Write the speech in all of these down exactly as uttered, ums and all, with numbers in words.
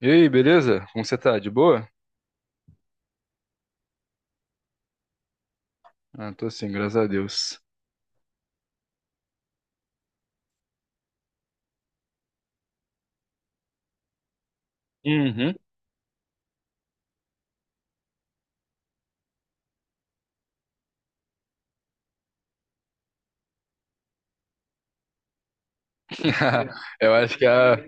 E aí, beleza? Como você tá? De boa? Ah, tô sim, graças a Deus. Uhum. Eu acho que a.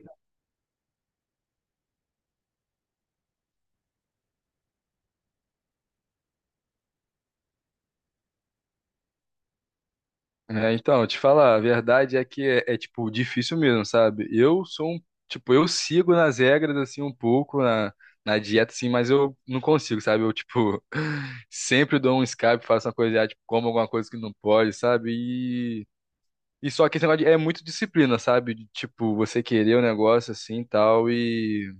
É, então, te falar, a verdade é que é, é, tipo difícil mesmo, sabe? Eu sou um. Tipo, eu sigo nas regras, assim, um pouco, na, na dieta, assim, mas eu não consigo, sabe? Eu, tipo, sempre dou um escape, faço uma coisa, ah, tipo, como alguma coisa que não pode, sabe? E. E só que esse negócio de- é muito disciplina, sabe? De, tipo, você querer o negócio assim e tal, e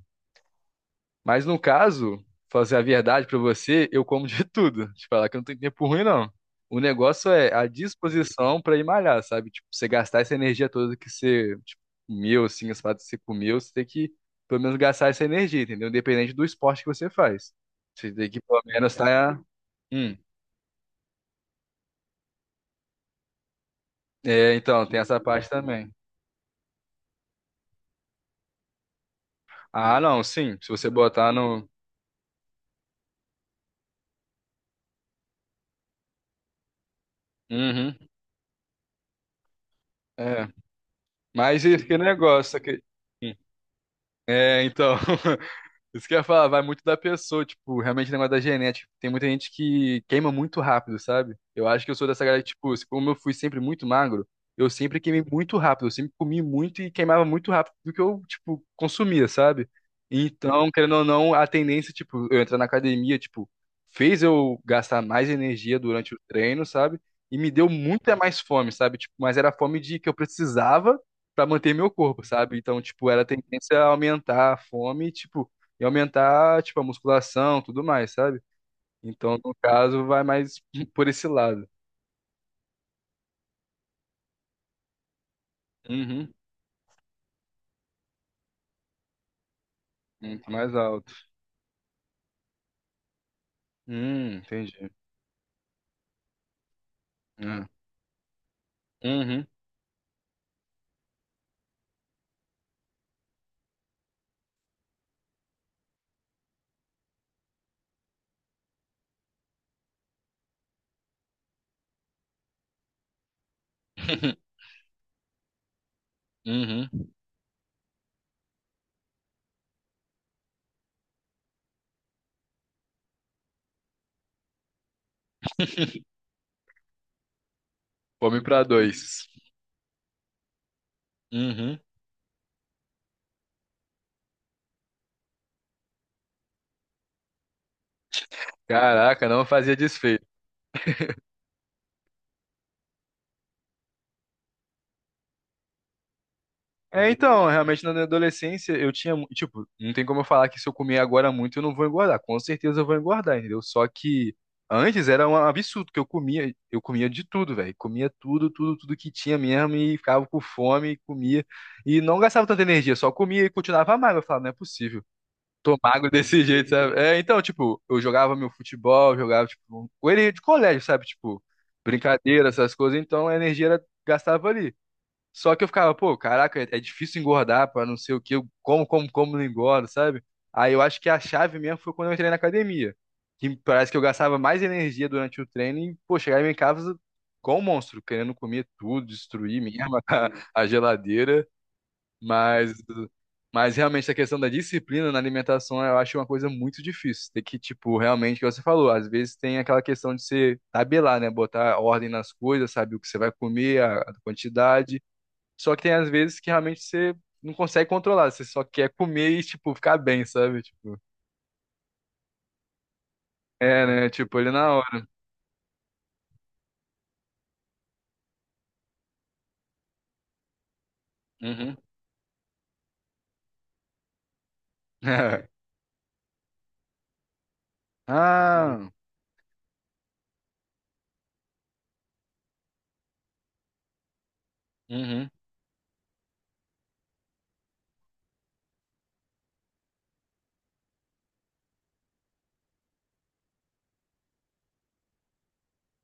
mas no caso, fazer a verdade pra você, eu como de tudo. Te falar que eu não tenho tempo ruim, não. O negócio é a disposição pra ir malhar, sabe? Tipo, você gastar essa energia toda que você, tipo, comeu, assim, as paradas que você comeu, você tem que pelo menos gastar essa energia, entendeu? Independente do esporte que você faz. Você tem que pelo menos tá. Hum. É, então, tem essa parte também. Ah, não, sim. Se você botar no. Uhum. É. Mas esse que negócio. Que... Hum, é, então. Isso que eu ia falar, vai muito da pessoa, tipo, realmente o negócio da genética. Tem muita gente que queima muito rápido, sabe? Eu acho que eu sou dessa galera que, tipo, se- como eu fui sempre muito magro, eu sempre queimei muito rápido, eu sempre comi muito e queimava muito rápido do que eu, tipo, consumia, sabe? Então, querendo ou não, a tendência, tipo, eu entrar na academia, tipo, fez eu gastar mais energia durante o treino, sabe? E me deu muita mais fome, sabe? Tipo, mas era a fome de que eu precisava pra manter meu corpo, sabe? Então, tipo, era a tendência a aumentar a fome, tipo, e aumentar, tipo, a musculação, tudo mais, sabe? Então, no caso, vai mais por esse lado. Uhum. Muito mais alto. Hum, entendi. Ah. Uhum. Uhum. Fome pra dois. Uhum. Caraca, não fazia desfecho. É, então, realmente na minha adolescência eu tinha, mu- tipo, não tem como eu falar que se eu comer agora muito eu não vou engordar. Com certeza eu vou engordar, entendeu? Só que antes era um absurdo que eu comia, eu comia de tudo, velho. Comia tudo, tudo, tudo que tinha mesmo e ficava com fome, comia e não gastava tanta energia, só comia e continuava magro. Eu falava, não é possível. Tô magro desse jeito, sabe? É, então, tipo, eu jogava meu futebol, jogava, tipo, com ele de colégio, sabe? Tipo, brincadeira, essas coisas, então a energia era, gastava ali. Só que eu ficava, pô, caraca, é é difícil engordar pra não sei o quê, eu como, como, como, não engordo, sabe? Aí eu acho que a chave mesmo foi quando eu entrei na academia, que parece que eu gastava mais energia durante o treino e, pô, chegava em casa com um monstro, querendo comer tudo, destruir mesmo a, a geladeira, mas, mas realmente a questão da disciplina na alimentação eu acho uma coisa muito difícil, tem que, tipo, realmente, o que você falou, às vezes tem aquela questão de você tabelar, né, botar ordem nas coisas, sabe o que você vai comer, a a quantidade, só que tem às vezes que realmente você não consegue controlar, você só quer comer e, tipo, ficar bem, sabe? Tipo, é, né? Tipo, ele na hora. Uhum. Ah, uhum,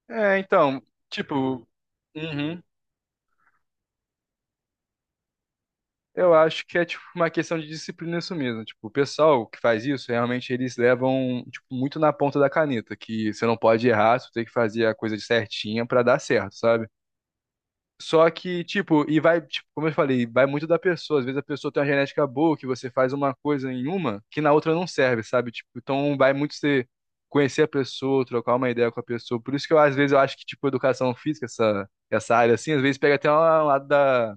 é, então, tipo, uhum. Eu acho que é, tipo, uma questão de disciplina isso mesmo. Tipo, o pessoal que faz isso, realmente eles levam, tipo, muito na ponta da caneta, que você não pode errar, você tem que fazer a coisa certinha pra dar certo, sabe? Só que, tipo, e vai, tipo, como eu falei, vai muito da pessoa. Às vezes a pessoa tem uma genética boa, que você faz uma coisa em uma, que na outra não serve, sabe? Tipo, então vai muito você conhecer a pessoa, trocar uma ideia com a pessoa. Por isso que eu, às vezes, eu acho que, tipo, educação física, essa, essa área, assim, às vezes pega até um lado da,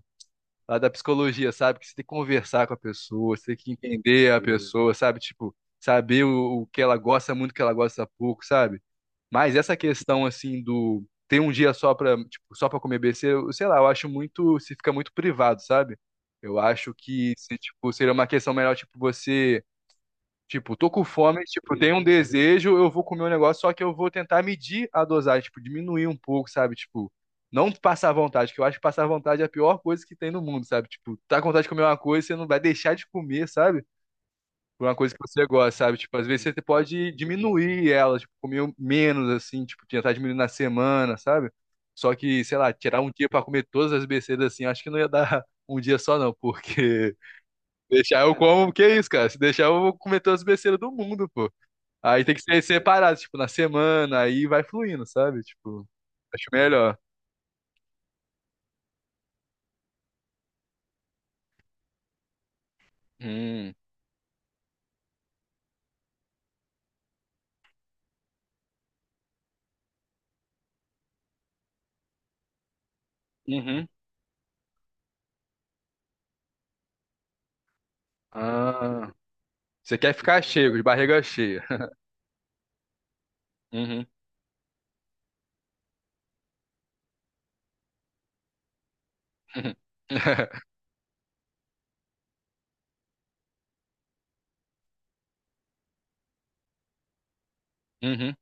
lado da psicologia, sabe? Que você tem que conversar com a pessoa, você tem que entender a, uhum, pessoa, sabe? Tipo, saber o, o que ela gosta muito, o que ela gosta pouco, sabe? Mas essa questão assim do ter um dia só para, tipo, só para comer besteira, eu, sei lá, eu acho muito, se fica muito privado, sabe? Eu acho que se, tipo, seria uma questão melhor, tipo, você, tipo, tô com fome, tipo, tenho um desejo, eu vou comer um negócio, só que eu vou tentar medir a dosagem, tipo, diminuir um pouco, sabe? Tipo, não passar vontade, que eu acho que passar vontade é a pior coisa que tem no mundo, sabe? Tipo, tá com vontade de comer uma coisa, você não vai deixar de comer, sabe? Por uma coisa que você gosta, sabe? Tipo, às vezes você pode diminuir ela, tipo, comer um menos, assim, tipo, tentar diminuir na semana, sabe? Só que, sei lá, tirar um dia pra comer todas as besteiras assim, acho que não ia dar um dia só, não, porque deixar eu como, que é isso, cara? Se deixar eu vou comer todas as besteiras do mundo, pô. Aí tem que ser separado, tipo, na semana, aí vai fluindo, sabe? Tipo, acho melhor. Hum. Uhum. Ah. Você quer ficar cheio, de barriga cheia. Uhum. Uhum.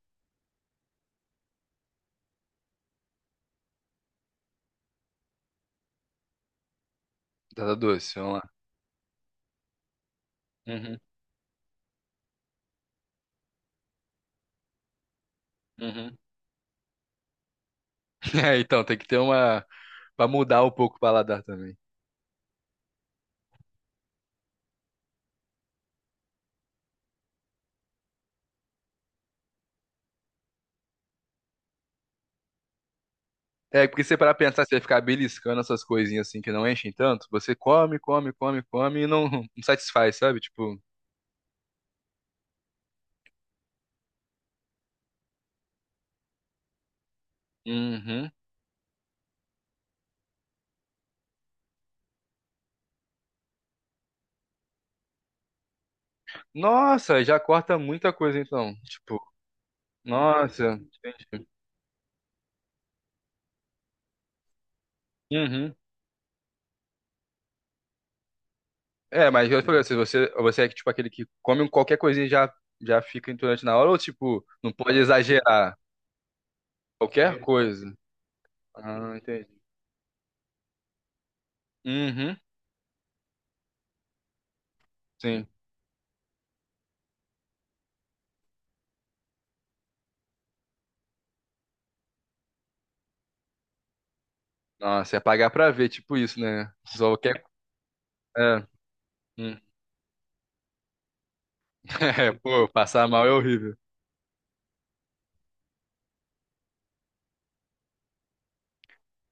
Batata doce, vamos lá. Uhum. Uhum. É, então, tem que ter uma. Pra mudar um pouco o paladar também. É, porque se você parar pra pensar, você vai ficar beliscando essas coisinhas assim que não enchem tanto, você come, come, come, come e não, não satisfaz, sabe? Tipo, uhum. Nossa, já corta muita coisa então. Tipo, nossa. Uhum. É, mas eu falei, se você, você é tipo aquele que come qualquer coisinha e já, já fica intolerante na hora, ou tipo, não pode exagerar qualquer coisa. Ah, entendi. Uhum. Sim. Nossa, é pagar pra ver, tipo isso, né? Só quer. É, hum. É, pô, passar mal é horrível.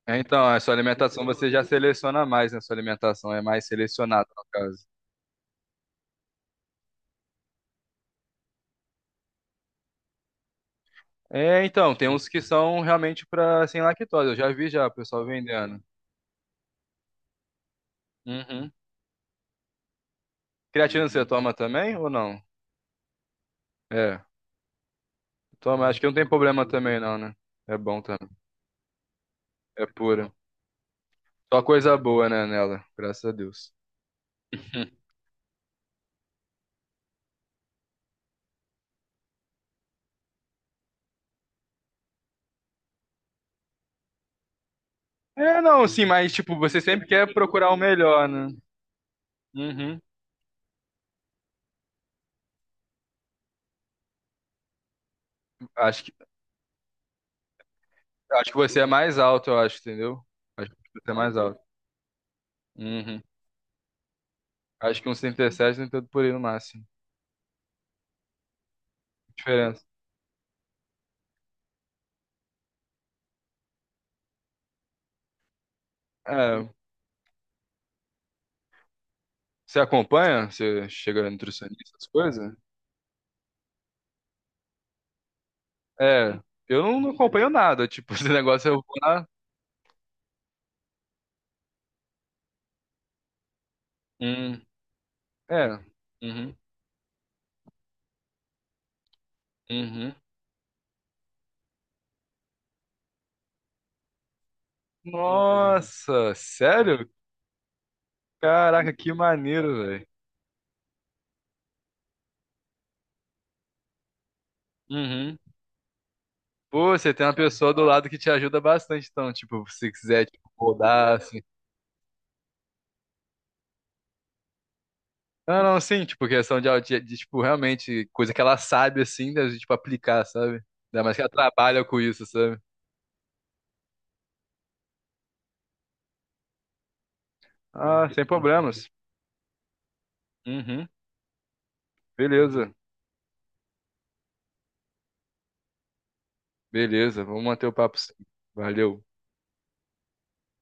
É, então, a sua alimentação você já seleciona mais, né? Sua alimentação é mais selecionada, no caso. É, então, tem uns que são realmente pra sem lactose. Eu já vi já o pessoal vendendo. Uhum. Creatina você toma também ou não? É, toma. Acho que não tem problema também, não, né? É bom também. É pura. Só coisa boa, né, nela. Graças a Deus. É, não, sim, mas tipo, você sempre quer procurar o melhor, né? Uhum. Acho Eu acho que você é mais alto, eu acho, entendeu? Acho que você é mais alto. Uhum. Acho que uns trinta e sete, trinta e oito por aí no máximo. Diferença. É, você acompanha? Você chega no nutricionista, essas coisas? É, eu não, não acompanho nada. Tipo, esse negócio eu vou lá. Hum, é. Uhum, uhum. Nossa, sério? Caraca, que maneiro, velho. Uhum. Pô, você tem uma pessoa do lado que te ajuda bastante, então, tipo, se quiser, tipo, rodar, assim, não, não, sim, tipo, questão de, de, de, tipo, realmente, coisa que ela sabe, assim, da gente, tipo, aplicar, sabe? Ainda mais que ela trabalha com isso, sabe? Ah, sem problemas. Uhum, beleza, beleza, vamos manter o papo sim. Valeu.